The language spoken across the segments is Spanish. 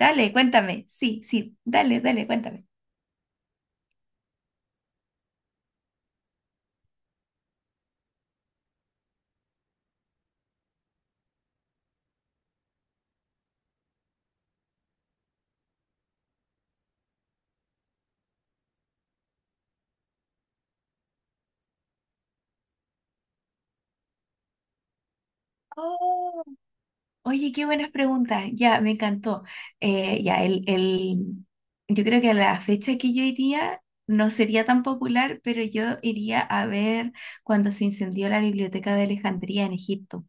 Dale, cuéntame. Sí, sí, dale, dale, cuéntame. Oh, oye, qué buenas preguntas. Ya, me encantó. Eh, ya, el, el, yo creo que a la fecha que yo iría no sería tan popular, pero yo iría a ver cuando se incendió la biblioteca de Alejandría en Egipto.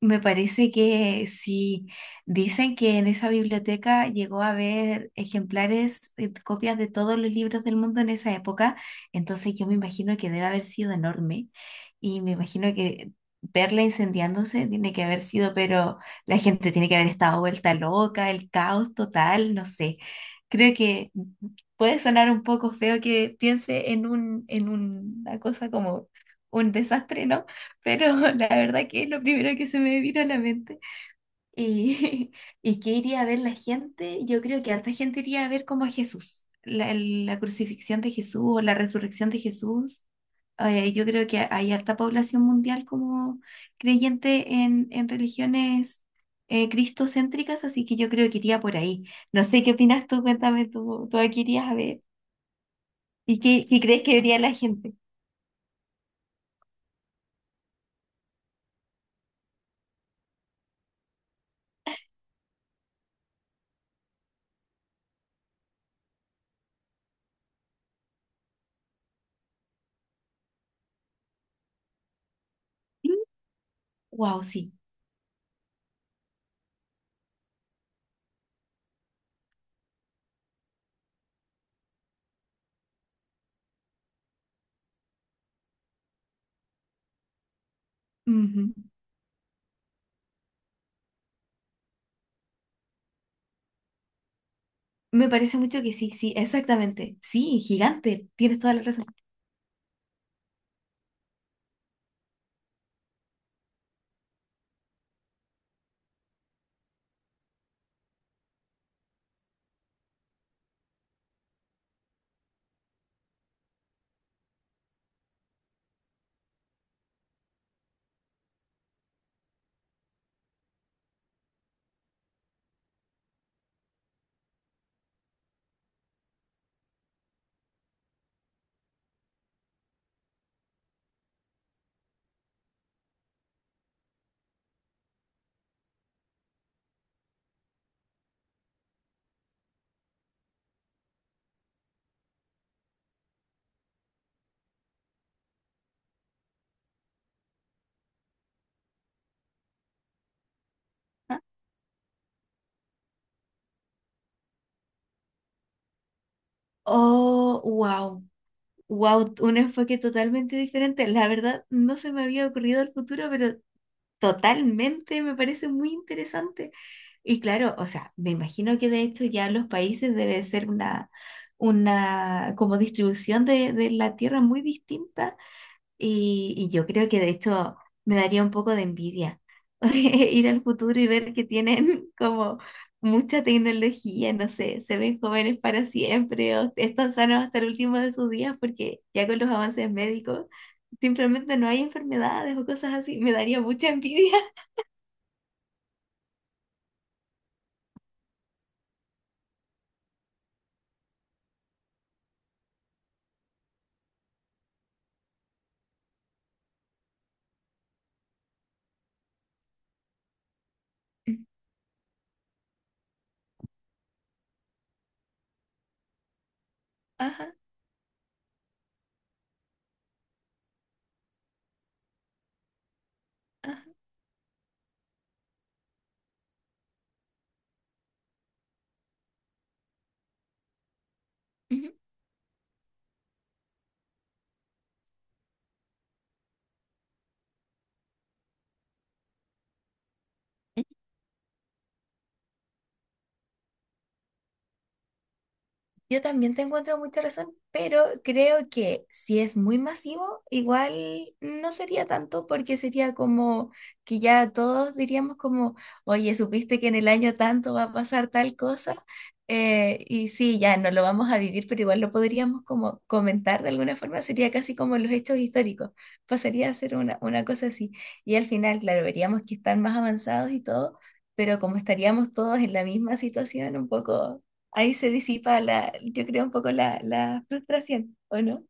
Me parece que sí. Dicen que en esa biblioteca llegó a haber ejemplares, copias de todos los libros del mundo en esa época. Entonces yo me imagino que debe haber sido enorme. Y me imagino que verla incendiándose tiene que haber sido, pero la gente tiene que haber estado vuelta loca, el caos total, no sé. Creo que puede sonar un poco feo que piense en una cosa como un desastre, ¿no? Pero la verdad que es lo primero que se me vino a la mente. ¿Y, y qué iría a ver la gente? Yo creo que harta gente iría a ver como a Jesús, la crucifixión de Jesús o la resurrección de Jesús. Yo creo que hay harta población mundial como creyente en religiones cristocéntricas, así que yo creo que iría por ahí. No sé qué opinas tú, cuéntame tú, tú aquí irías a ver. ¿Y qué crees que vería la gente? Wow, sí. Ujú. Me parece mucho que sí, sí, exactamente. Sí, gigante, tienes toda la razón. Ajá. Oh, wow, wow, un enfoque totalmente diferente. La verdad, no se me había ocurrido el futuro, pero totalmente me parece muy interesante. Y claro, o sea, me imagino que de hecho ya los países debe ser una como distribución de la tierra muy distinta. Y yo creo que de hecho me daría un poco de envidia ir al futuro y ver que tienen como mucha tecnología, no sé, se ven jóvenes para siempre o están sanos hasta el último de sus días porque ya con los avances médicos simplemente no hay enfermedades o cosas así. Me daría mucha envidia. Ajá, ajá. Yo también te encuentro mucha razón, pero creo que si es muy masivo, igual no sería tanto porque sería como que ya todos diríamos como, oye, supiste que en el año tanto va a pasar tal cosa. Y sí, ya no lo vamos a vivir, pero igual lo podríamos como comentar de alguna forma, sería casi como los hechos históricos, pasaría a ser una cosa así. Y al final, claro, veríamos que están más avanzados y todo, pero como estaríamos todos en la misma situación, un poco ahí se disipa la, yo creo un poco la frustración, ¿o no?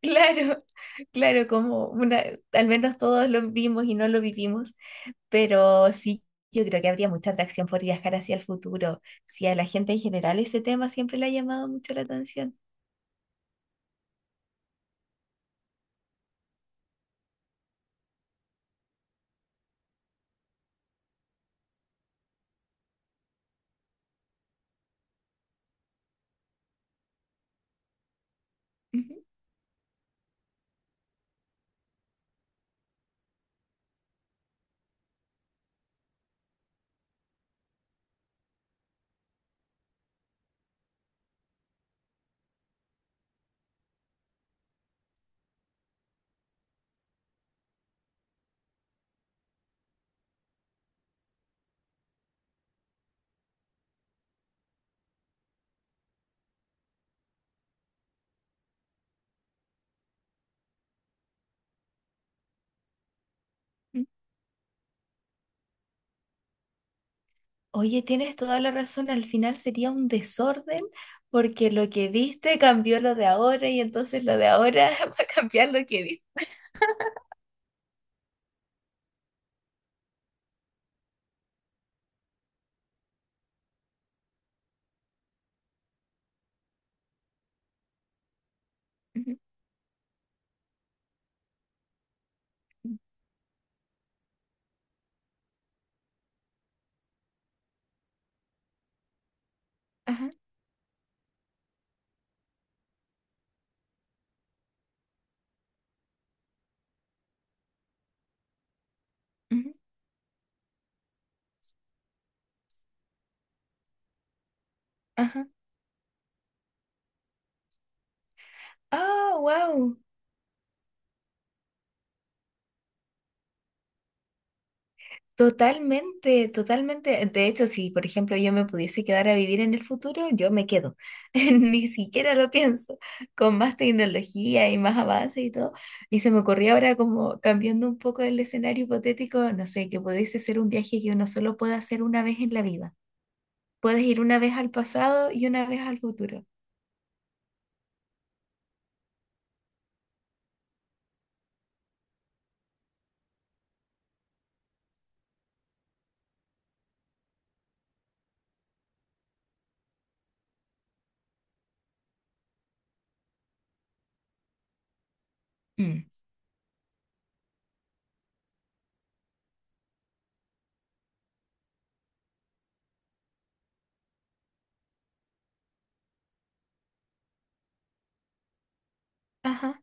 Claro, claro, como una, al menos todos lo vimos y no lo vivimos, pero sí, yo creo que habría mucha atracción por viajar hacia el futuro, si a la gente en general ese tema siempre le ha llamado mucho la atención. Ujú, ujú. Oye, tienes toda la razón, al final sería un desorden porque lo que viste cambió lo de ahora y entonces lo de ahora va a cambiar lo que viste. Ujú, ujú. Ajá, ujú, ajá. Ah, wow. Totalmente, totalmente. De hecho, si por ejemplo yo me pudiese quedar a vivir en el futuro, yo me quedo. Ni siquiera lo pienso. Con más tecnología y más avance y todo. Y se me ocurrió ahora como cambiando un poco el escenario hipotético, no sé, que pudiese ser un viaje que uno solo puede hacer una vez en la vida. Puedes ir una vez al pasado y una vez al futuro. Mm. Ajá,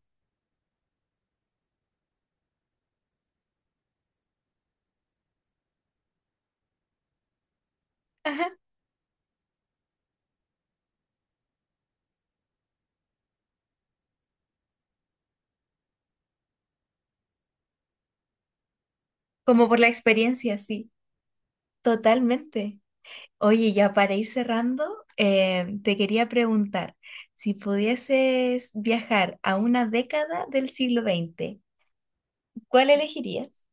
ajá. Como por la experiencia, sí. Totalmente. Oye, ya para ir cerrando, te quería preguntar, si pudieses viajar a una década del siglo XX, ¿cuál elegirías?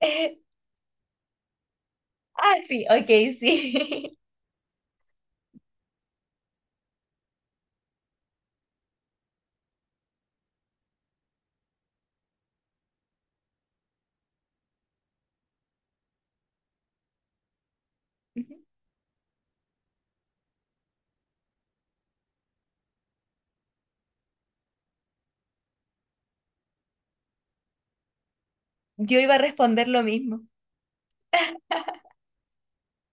Ah, sí, ok, sí. Ujú. Yo iba a responder lo mismo.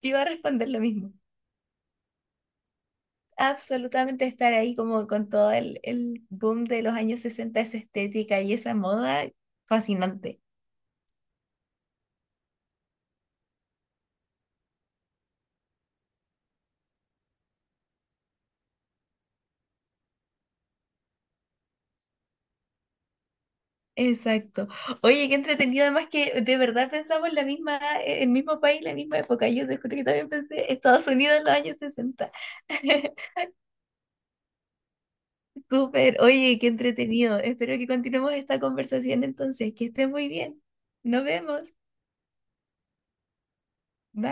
Yo iba a responder lo mismo. Absolutamente estar ahí como con todo el boom de los años sesenta, esa estética y esa moda, fascinante. Exacto. Oye, qué entretenido, además que de verdad pensamos la misma, el mismo país, la misma época. Yo te juro que también pensé Estados Unidos en los años sesenta. Súper. Oye, qué entretenido. Espero que continuemos esta conversación entonces. Que estés muy bien. Nos vemos. Bye.